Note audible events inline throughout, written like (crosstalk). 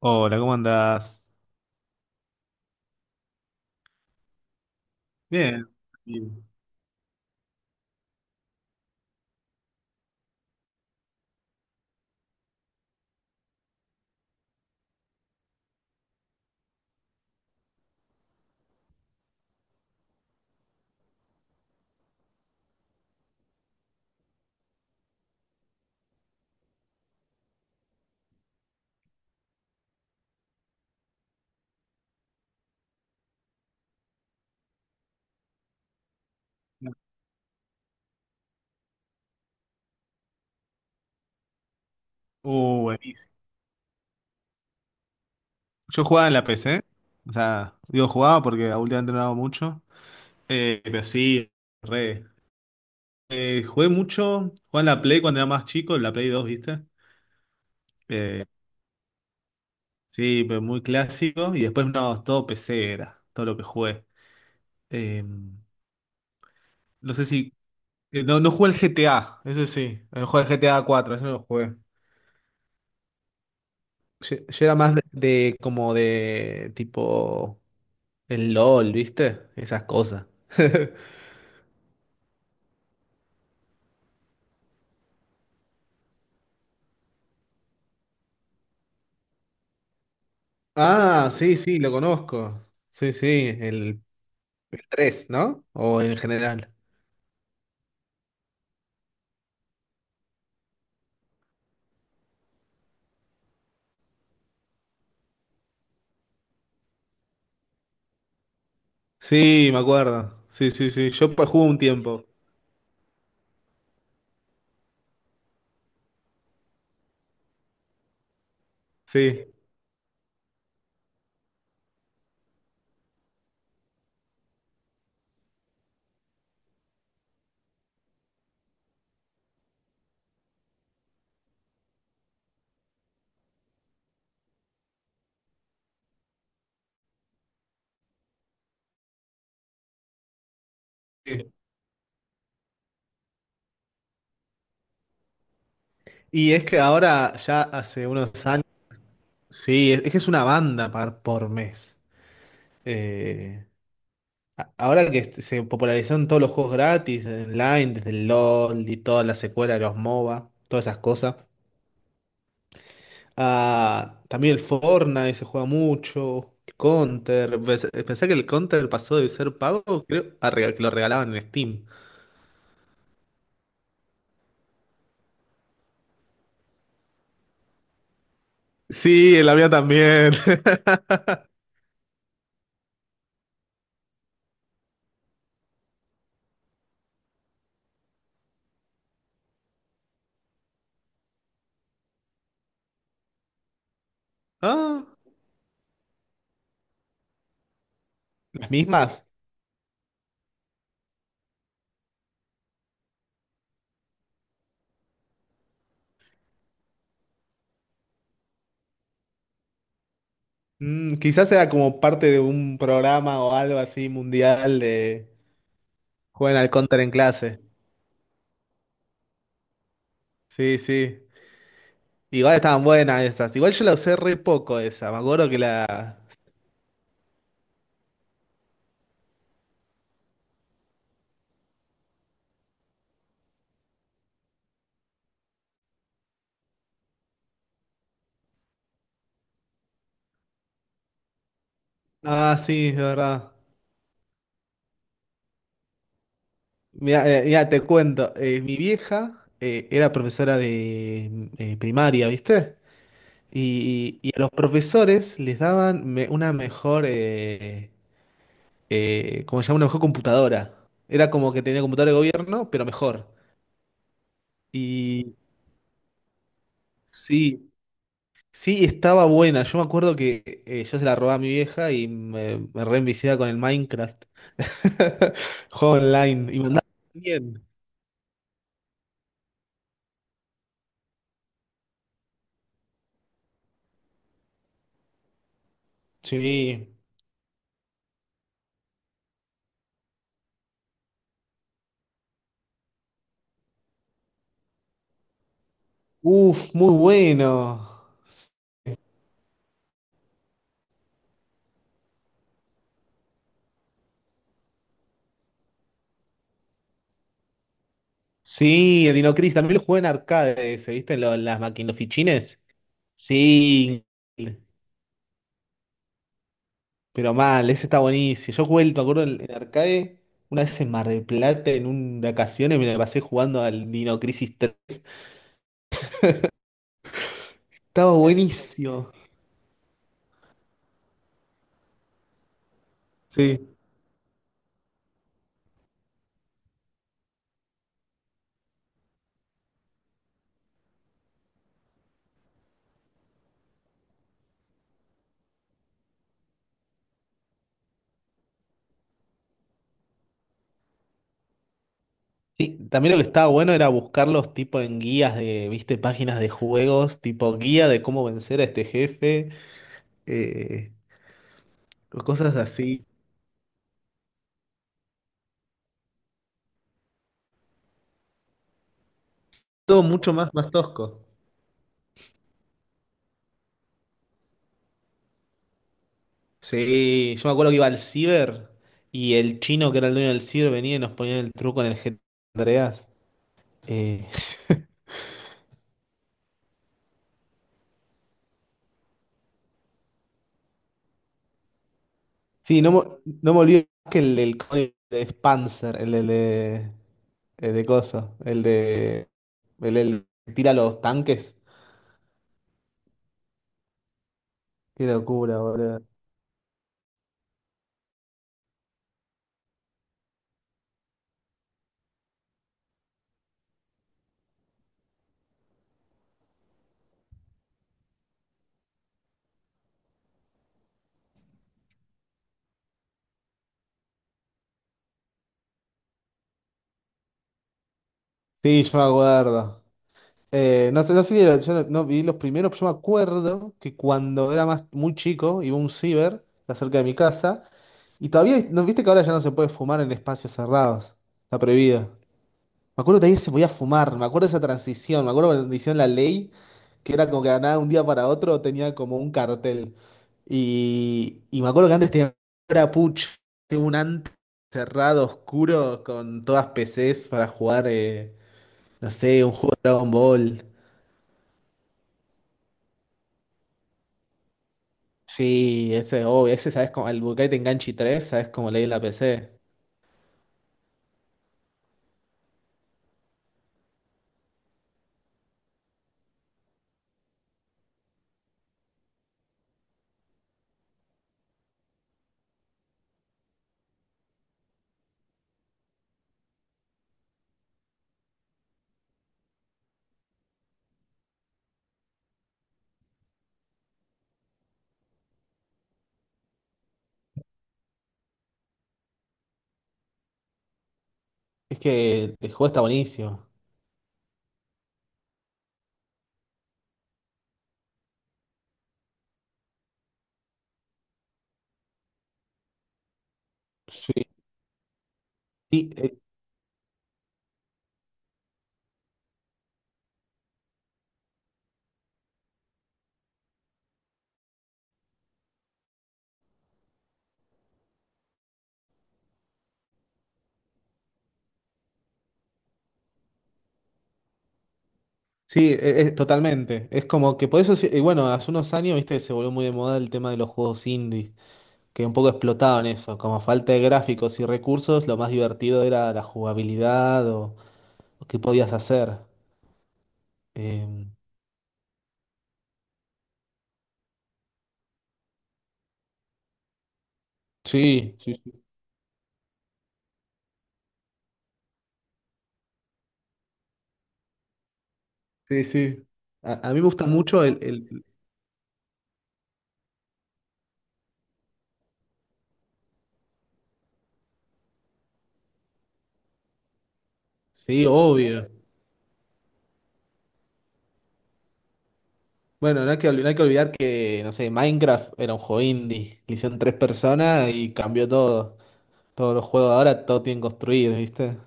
Hola, ¿cómo andás? Bien. Bien. Buenísimo. Yo jugaba en la PC, o sea, digo jugaba porque últimamente no hago mucho, pero sí, re. Jugué mucho, jugaba en la Play cuando era más chico, en la Play 2, ¿viste? Eh, sí, pero muy clásico, y después no, todo PC era, todo lo que jugué. Eh, no sé si, No, no jugué el GTA, ese sí, no jugué el GTA 4, ese no lo jugué. Yo era más de como de tipo el LOL, ¿viste? Esas cosas. (laughs) Ah, sí, sí, lo conozco. Sí, sí, el 3, ¿no? O en general. Sí, me acuerdo. Sí, sí, sí. Yo jugué un tiempo. Sí. Y es que ahora, ya hace unos años, sí, es que es una banda por mes. Eh, Ahora que se popularizaron todos los juegos gratis, online, desde el LOL y toda la secuela de los MOBA, todas esas cosas. Ah, también el Fortnite se juega mucho. Counter. Pensé que el Counter pasó de ser pago, creo, a que lo regalaban en Steam. Sí, en la mía también. (laughs) Ah, las mismas. Mm, quizás era como parte de un programa o algo así mundial de juegan al Counter en clase. Sí, sí. Igual estaban buenas esas. Igual yo la usé re poco esa. Me acuerdo que la. Ah, sí, es verdad. Mira, mira, te cuento, mi vieja era profesora de primaria, ¿viste? Y a los profesores les daban una mejor, ¿cómo se llama? Una mejor computadora. Era como que tenía computadora de gobierno, pero mejor. Y sí, sí, estaba buena. Yo me acuerdo que yo se la robaba a mi vieja y me re enviciaba con el Minecraft. (laughs) Juego online. Y me andaba bien. Sí. Uf, muy bueno. Sí, el Dino Crisis, también lo jugué en arcade ese, ¿viste? En en las maquinofichines. Sí, pero mal, ese está buenísimo. Yo jugué, me acuerdo, en arcade, una vez en Mar del Plata, en un vacaciones, me la pasé jugando al Dino Crisis 3. Estaba buenísimo. Sí. Sí, también lo que estaba bueno era buscarlos tipo en guías de, viste, páginas de juegos, tipo guía de cómo vencer a este jefe, eh, cosas así. Todo mucho más, más tosco. Sí, yo me acuerdo que iba al ciber y el chino que era el dueño del ciber venía y nos ponía el truco en el GTA Andreas. Eh, (laughs) sí, no, no me olvido que el del código de Spancer, el de, el de coso, el de el que tira los tanques. Qué locura, boludo. Sí, yo me acuerdo. No sé si yo no, no vi los primeros, pero yo me acuerdo que cuando era más muy chico, iba a un ciber cerca de mi casa, y todavía, ¿no viste que ahora ya no se puede fumar en espacios cerrados? Está prohibido. Me acuerdo que todavía se podía fumar, me acuerdo de esa transición, me acuerdo cuando hicieron la ley, que era como que nada, un día para otro tenía como un cartel. Y me acuerdo que antes tenía era puch, tenía un antes cerrado, oscuro, con todas PCs para jugar, no sé, un juego de Dragon Ball. Sí, ese, oh, ese, ¿sabes? Como, el Budokai Tenganchi tres, ¿sabes? Como leí en la PC. Es que el juego está buenísimo. Sí, sí, eh, sí, eh, Totalmente. Es como que por eso, y bueno, hace unos años, viste, se volvió muy de moda el tema de los juegos indie, que un poco explotaban eso. Como falta de gráficos y recursos, lo más divertido era la jugabilidad o qué podías hacer. Em, sí, sí, sí, sí. Sí. A mí me gusta mucho el... Sí, obvio. Bueno, no hay que, no hay que olvidar que, no sé, Minecraft era un juego indie. Lo hicieron 3 personas y cambió todo. Todos los juegos ahora, todo tienen construir, ¿viste?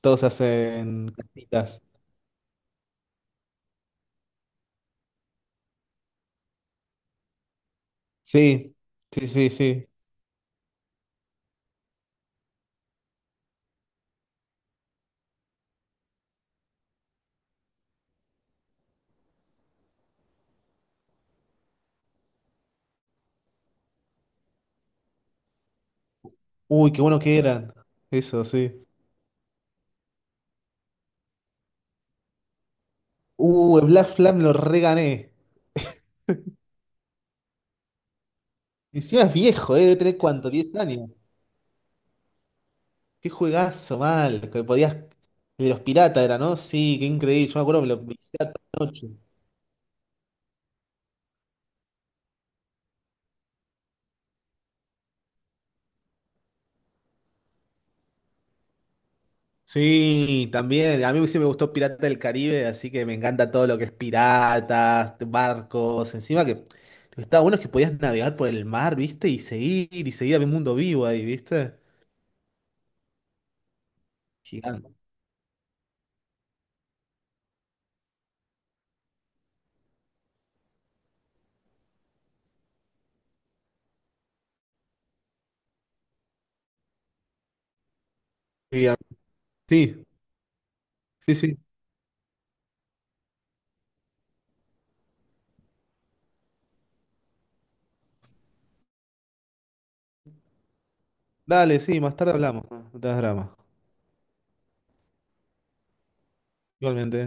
Todos se hacen casitas. Sí, sí, sí, sí. Uy, qué bueno que eran. Eso, sí. El Black Flag lo regané. Encima es viejo, ¿eh? Debe tener cuánto, 10 años. Qué juegazo, mal. Que podías. El de los piratas era, ¿no? Sí, qué increíble. Yo me acuerdo que lo visité toda la noche. Sí, también. A mí sí me gustó Pirata del Caribe, así que me encanta todo lo que es piratas, barcos. Encima que lo que estaba bueno es que podías navegar por el mar, ¿viste? Y seguir, había un mundo vivo ahí, ¿viste? Gigante. Sí, sí, sí. Dale, sí, más tarde hablamos. No te hagas drama. Igualmente.